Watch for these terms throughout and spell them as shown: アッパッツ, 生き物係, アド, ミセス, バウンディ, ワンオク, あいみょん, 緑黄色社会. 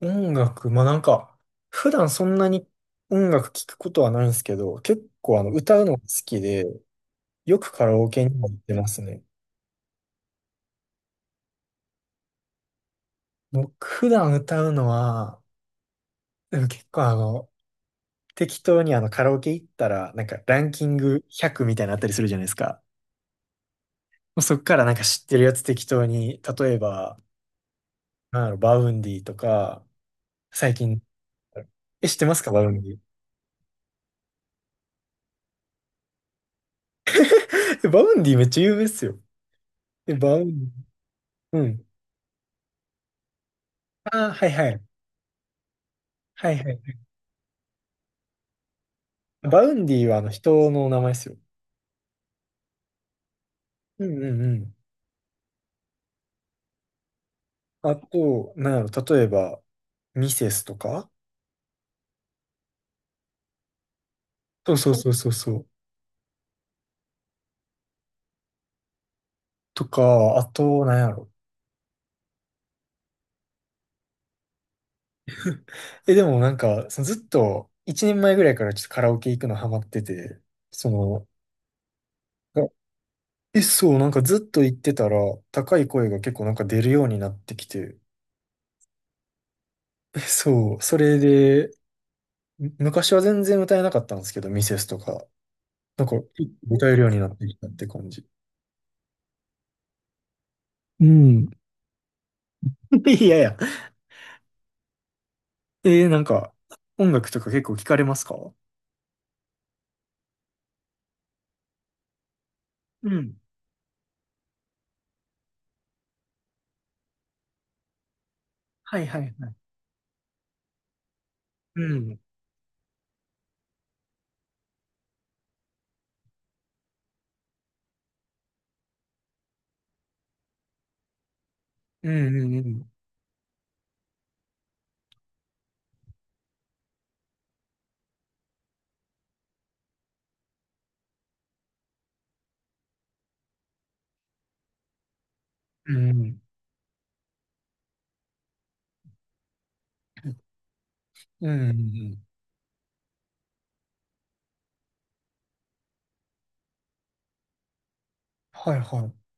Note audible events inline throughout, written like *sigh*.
音楽、まあなんか、普段そんなに音楽聴くことはないんですけど、結構歌うのが好きで、よくカラオケにも行ってますね。僕普段歌うのは、でも結構適当にカラオケ行ったら、なんかランキング100みたいなのあったりするじゃないですか。もうそっからなんか知ってるやつ適当に、例えば、なんだろう、バウンディとか、最近、え、知ってますか、バウンディ。*laughs* えバウンディめっちゃ有名っすよ。え、バウンディ。うん。ああ、はいはい。はいはい。バウンディはあの人の名前ですよ。うんうんうん。あと、なんやろ、例えば、ミセスとか、そうそうそうそうそう。とか、あと、なんやろ。え、でもなんか、そのずっと、1年前ぐらいからちょっとカラオケ行くのハマってて、その、あそう、なんかずっと行ってたら、高い声が結構なんか出るようになってきて、そう、それで、昔は全然歌えなかったんですけど、ミセスとか、なんか、歌えるようになってきたって感じ。うん。*laughs* いやいや、なんか、音楽とか結構聞かれますか？うん。はいはいはい。うん。うんうんうん。うん。うん。うんうん、はいはい。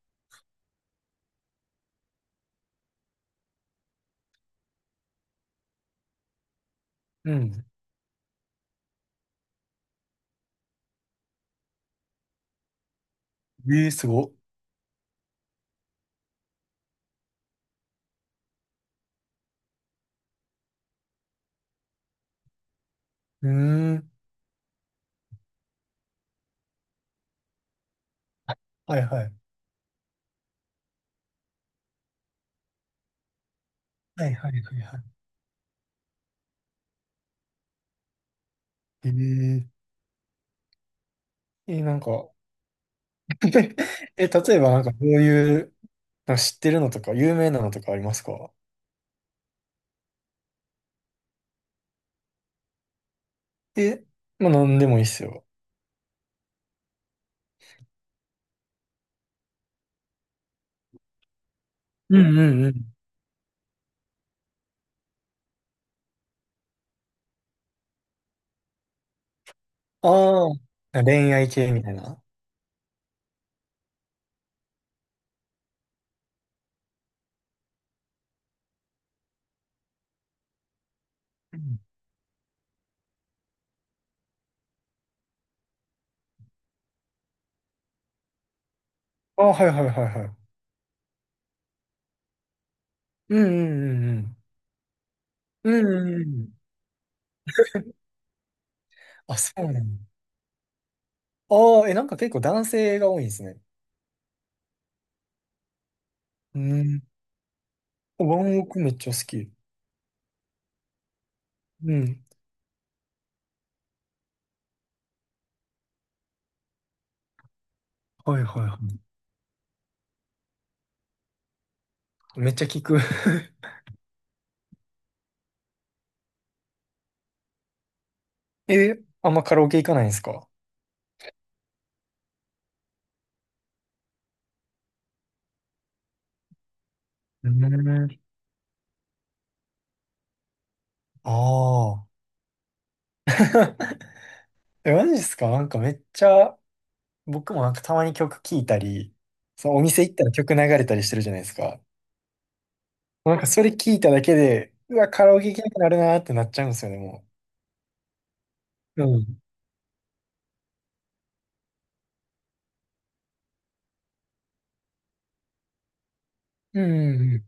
うん。えー、すごっ。うーん。はいはい。はいはいはいはい。えー、なんか、 *laughs* え、例えばなんかどういう、なんか知ってるのとか、有名なのとかありますか？え、まあなんでもいいっすよ。うんうんうん。ああ、恋愛系みたいな。うん。ああ、はいはいはいはい。うんうんうんうん。うんうんうん。あ、そうなの。ああ、え、なんか結構男性が多いんですね。うん。ワンオクめっちゃ好き。うん。はいはいはい。めっちゃ聞く。*laughs* え、あんまカラオケ行かないんですか？うん。ああ。*laughs* え、マジですか？なんかめっちゃ、僕もなんかたまに曲聴いたり、そのお店行ったら曲流れたりしてるじゃないですか。なんかそれ聞いただけで、うわ、カラオケ行けなくなるなーってなっちゃうんですよね、もうん。うんうん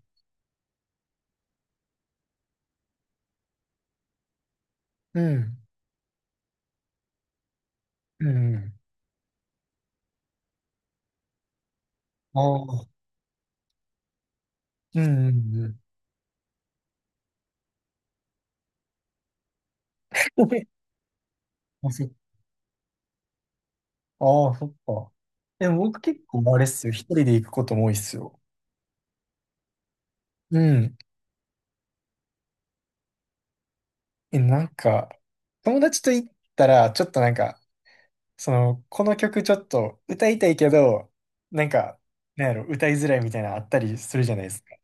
うん。うんうん。ああ。うんうんうん。うんうんうん。 *laughs* まあ、ああ、そっか。でも僕結構あれっすよ。一人で行くことも多いっすよ。うん。え、なんか、友達と行ったら、ちょっとなんか、その、この曲ちょっと歌いたいけど、なんか、なんやろ、歌いづらいみたいなのあったりするじゃないですか。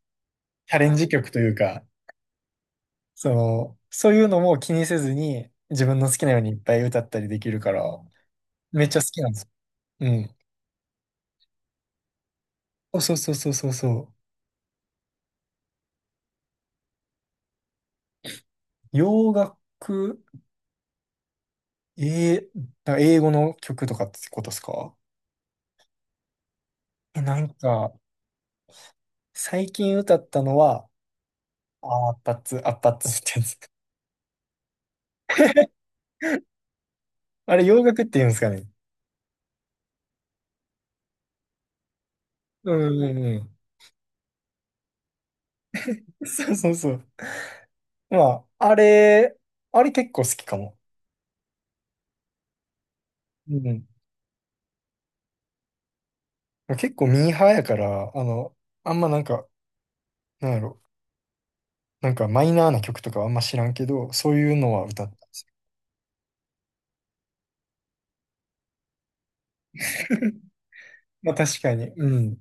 チャレンジ曲というか、その、そういうのも気にせずに、自分の好きなようにいっぱい歌ったりできるから、めっちゃ好きなんですよ。うん。そうそうそうそうそうそう。洋楽、英語の曲とかってことですか？え、なんか、最近歌ったのは、あーアッパッツ、アッパッツってやつ。あれ、洋楽って言うんですかね。うんうんうん。そうそうそう。まあ、あれ結構好きかも。うん。結構ミーハーやから、あんまなんか、なんやろ、なんかマイナーな曲とかあんま知らんけど、そういうのは歌ったんですよ。*laughs* まあ確かに。うん。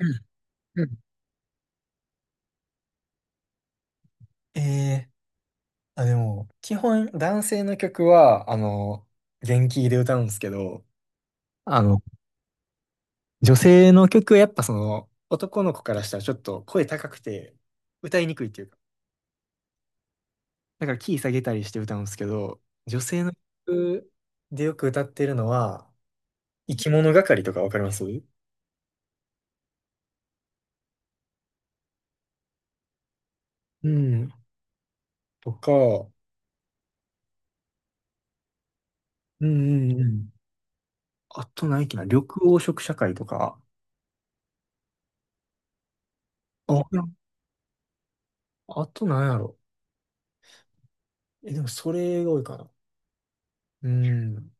うんうん、えーあ、でも、基本男性の曲は、元気で歌うんですけど、あの、女性の曲はやっぱその、男の子からしたらちょっと声高くて歌いにくいっていうか、だからキー下げたりして歌うんですけど、女性の曲でよく歌ってるのは、生き物係とかわかります？うん。とか、うんうんうん。あと何やっけな、緑黄色社会とか、あ、あと何やろ。え、でもそれが多いかな。うん。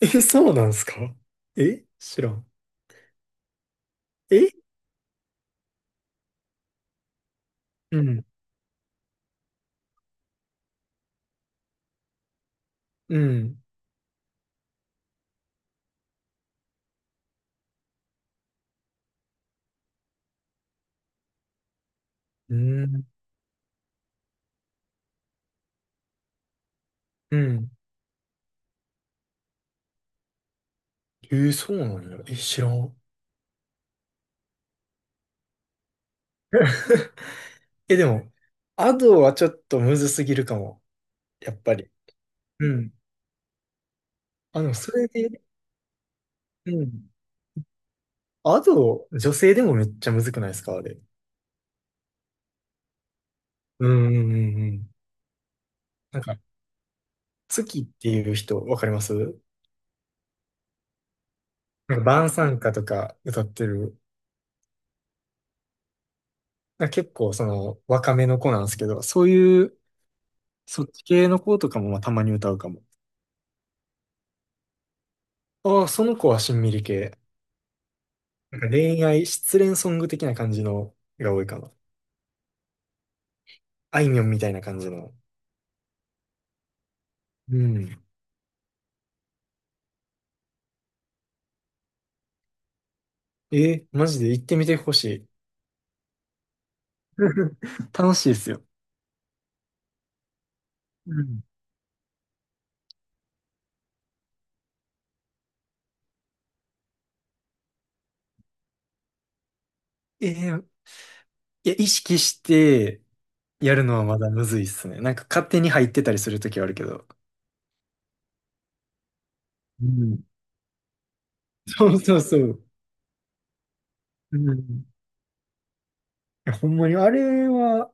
え、そうなんすか？え知らん。えうん。うん。うん。うん。えーそうなんや。え、知らん。*laughs* え、でも、アドはちょっとむずすぎるかも。やっぱり。うん。それで、うん。アド、女性でもめっちゃむずくないですかあれ。うんうんうんうん。なんか、月っていう人、わかります？なんか、晩餐歌とか歌ってる。なんか結構、その、若めの子なんですけど、そういう、そっち系の子とかもまあたまに歌うかも。ああ、その子はしんみり系。なんか恋愛、失恋ソング的な感じのが多いかな。あいみょんみたいな感じの。うん。えーマジで行ってみてほしい。*laughs* 楽しいですよ。うん。えーいや、意識してやるのはまだむずいっすね。なんか勝手に入ってたりするときはあるけど。うん。そうそうそう。うん、いや、ほんまにあれは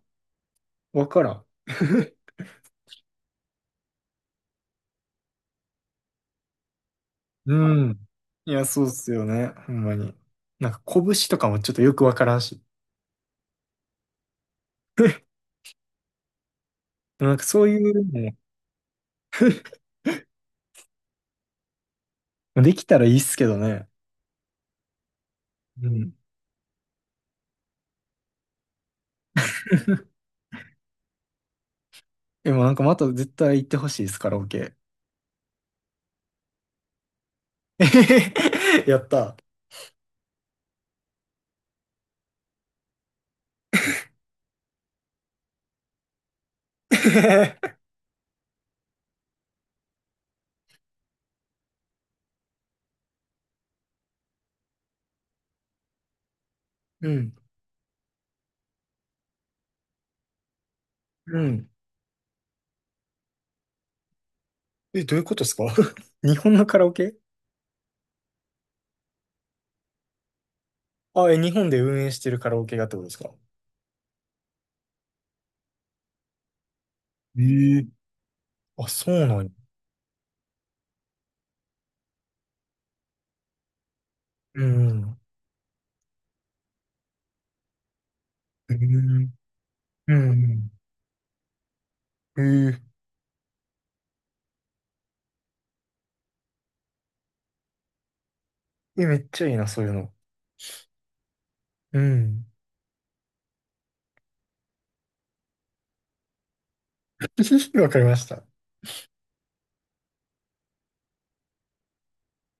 わからん。*laughs* うん。いや、そうっすよね。ほんまに。なんか拳とかもちょっとよくわからんし。*laughs* でもなんかそういうの、できたらいいっすけどね。うん。でもなんかまた絶対行ってほしいです、カラオケ。*laughs* えへへへやった。*laughs* うん。うん。え、どういうことですか？ *laughs* 日本のカラオケ、あ、え、日本で運営してるカラオケがってことですか？ええ。あ、そうなんや。うんうん。えー、うんうん。えー、えめっちゃいいな、そういうの。うん。*laughs* わかりました。